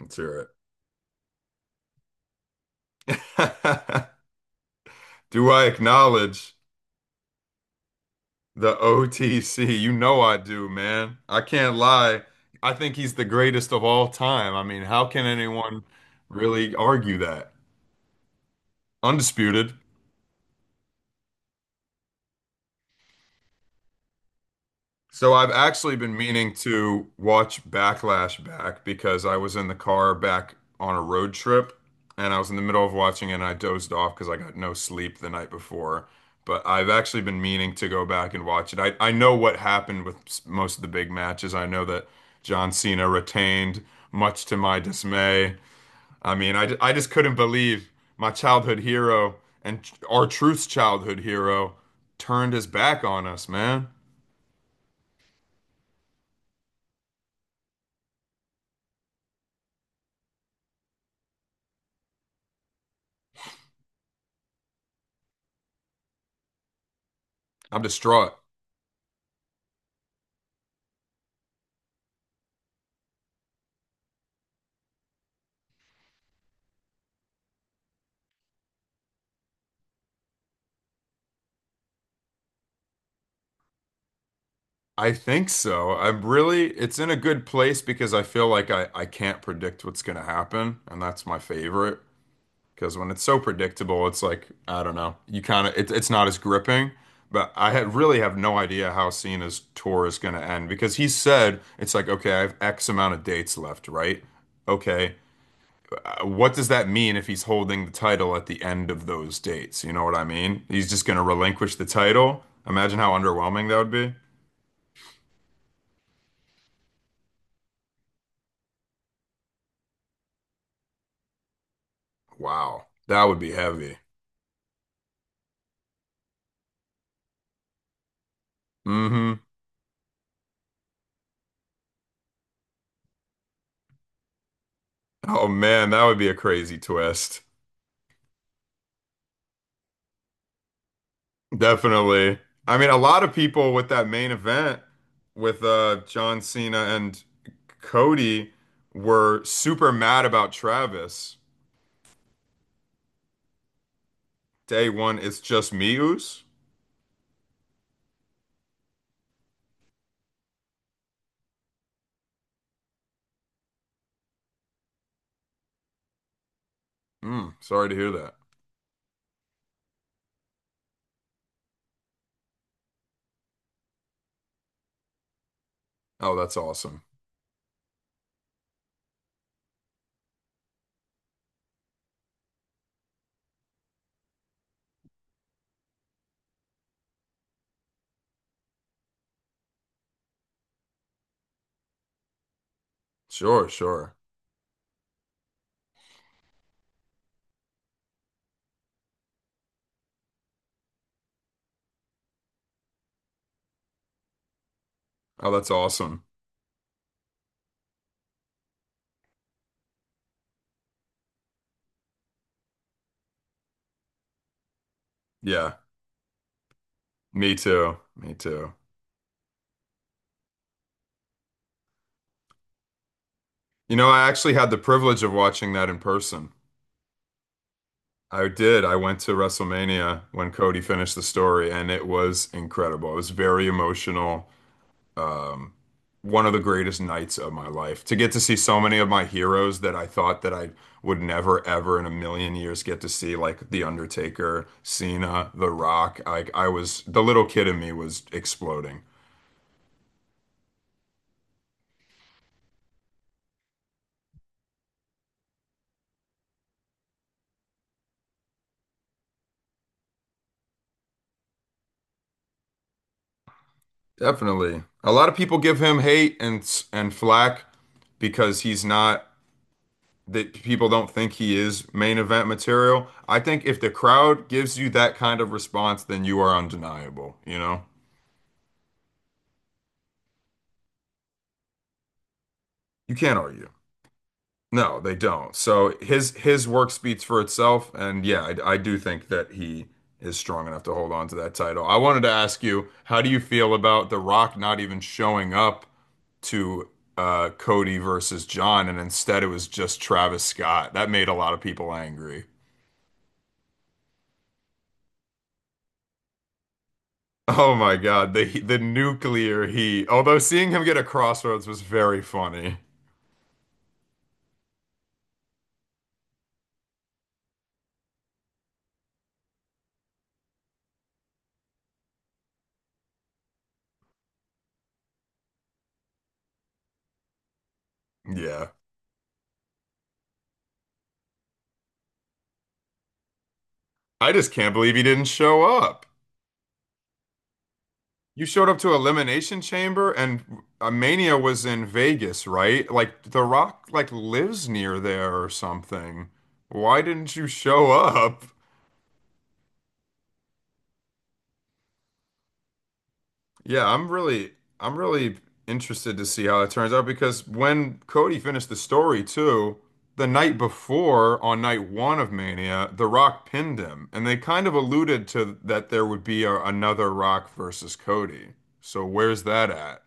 Let's hear it. Do I acknowledge the OTC? You know I do, man. I can't lie. I think he's the greatest of all time. I mean, how can anyone really argue that? Undisputed. So I've actually been meaning to watch Backlash back because I was in the car back on a road trip and I was in the middle of watching it and I dozed off because I got no sleep the night before. But I've actually been meaning to go back and watch it. I know what happened with most of the big matches. I know that John Cena retained, much to my dismay. I mean, I just couldn't believe my childhood hero and our truth's childhood hero turned his back on us, man. I'm distraught. I think so. I'm really, it's in a good place because I feel like I can't predict what's going to happen, and that's my favorite. Because when it's so predictable, it's like, I don't know, you kind of, it's not as gripping. But I had, really have no idea how Cena's tour is going to end because he said, it's like, okay, I have X amount of dates left, right? Okay. What does that mean if he's holding the title at the end of those dates? You know what I mean? He's just going to relinquish the title. Imagine how underwhelming that would be. Wow. That would be heavy. Hmm. Oh man, that would be a crazy twist. Definitely. I mean, a lot of people with that main event with John Cena and Cody were super mad about Travis. Day one, it's just me, Oos. Mm, sorry to hear that. Oh, that's awesome. Sure, sure. Oh, that's awesome. Yeah, me too. Me too. You know, I actually had the privilege of watching that in person. I did. I went to WrestleMania when Cody finished the story, and it was incredible. It was very emotional. Um, One of the greatest nights of my life. To get to see so many of my heroes that I thought that I would never, ever in a million years get to see, like The Undertaker, Cena, The Rock. Like I was, the little kid in me was exploding. Definitely. A lot of people give him hate and flack because he's not that people don't think he is main event material. I think if the crowd gives you that kind of response, then you are undeniable, you know? You can't argue. No, they don't. So his work speaks for itself, and yeah, I do think that he is strong enough to hold on to that title. I wanted to ask you, how do you feel about The Rock not even showing up to Cody versus John, and instead it was just Travis Scott? That made a lot of people angry. Oh my God, the nuclear heat. Although seeing him get a crossroads was very funny. Yeah. I just can't believe he didn't show up. You showed up to Elimination Chamber and Mania was in Vegas, right? Like The Rock like lives near there or something. Why didn't you show up? Yeah, I'm really interested to see how it turns out because when Cody finished the story too, the night before on night one of Mania, The Rock pinned him, and they kind of alluded to that there would be another Rock versus Cody. So where's that at?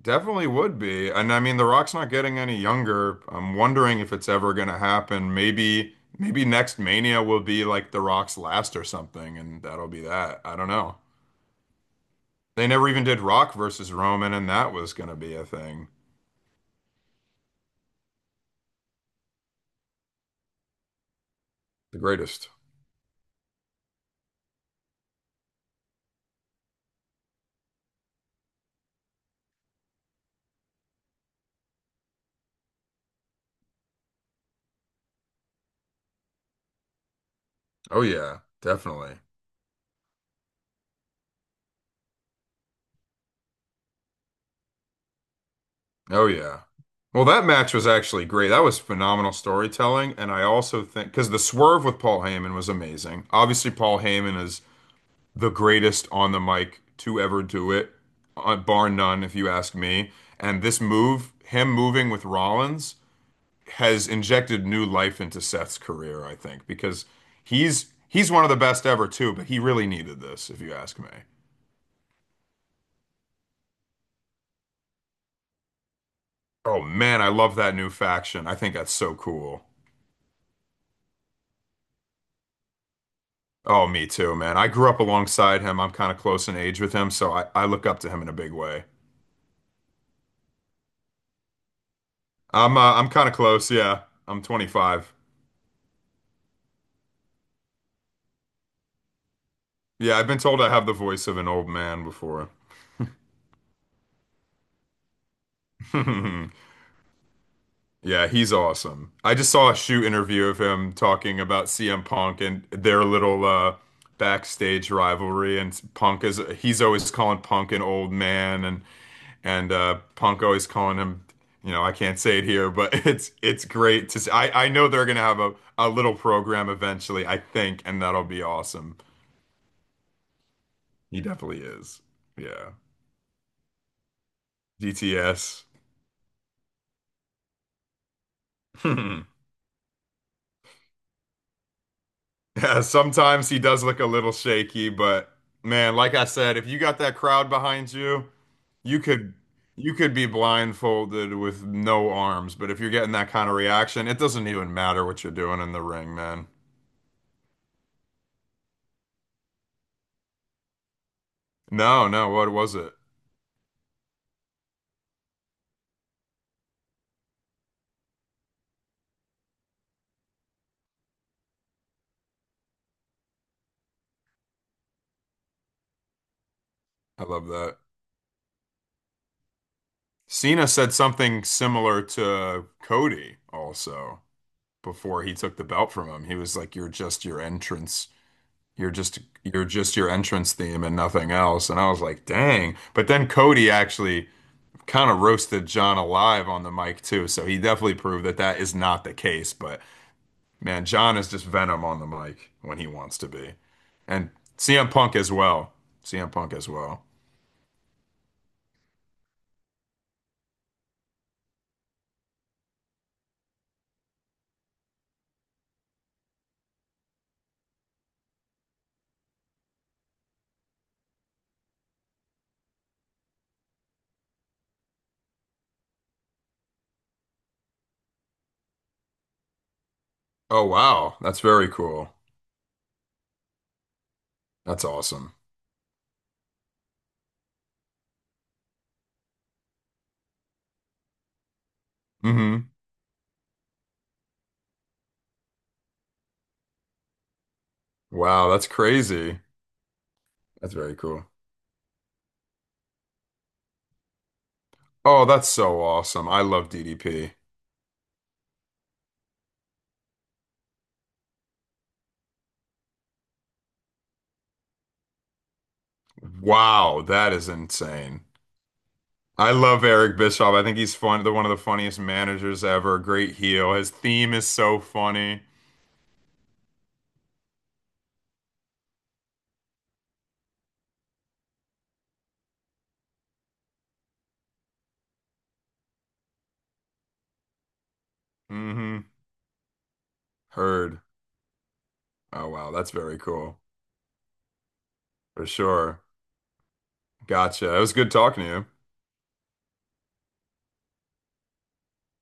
Definitely would be. And I mean, The Rock's not getting any younger. I'm wondering if it's ever gonna happen. Maybe next Mania will be like The Rock's last or something, and that'll be that. I don't know. They never even did Rock versus Roman, and that was going to be a thing. The greatest. Oh, yeah, definitely. Oh, yeah. Well, that match was actually great. That was phenomenal storytelling. And I also think, because the swerve with Paul Heyman was amazing. Obviously, Paul Heyman is the greatest on the mic to ever do it, bar none, if you ask me. And this move, him moving with Rollins, has injected new life into Seth's career, I think, because he's one of the best ever too, but he really needed this, if you ask me. Oh man, I love that new faction. I think that's so cool. Oh, me too, man. I grew up alongside him. I'm kind of close in age with him, so I look up to him in a big way. I'm kind of close, yeah. I'm 25. Yeah, I've been told I have the voice of an old man before. Yeah, he's awesome. I just saw a shoot interview of him talking about CM Punk and their little backstage rivalry and Punk is he's always calling Punk an old man and Punk always calling him, you know, I can't say it here, but it's great to see. I know they're gonna have a little program eventually, I think, and that'll be awesome. He definitely is. Yeah. DTS. Yeah, sometimes he does look a little shaky, but man, like I said, if you got that crowd behind you, you could you could be blindfolded with no arms, but if you're getting that kind of reaction, it doesn't even matter what you're doing in the ring, man. No, no, what was it? I love that. Cena said something similar to Cody also before he took the belt from him. He was like, "You're just your entrance. You're just your entrance theme and nothing else." And I was like, "Dang." But then Cody actually kind of roasted John alive on the mic too. So he definitely proved that that is not the case. But man, John is just venom on the mic when he wants to be, and CM Punk as well. CM Punk as well. Oh wow, that's very cool. That's awesome. Hmm. Wow, that's crazy. That's very cool. Oh, that's so awesome. I love DDP. Wow, that is insane. I love Eric Bischoff. I think he's fun, the one of the funniest managers ever. Great heel. His theme is so funny. Hmm. Heard. Oh, wow. That's very cool. For sure. Gotcha. It was good talking to you.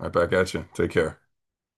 Right back at you. Take care.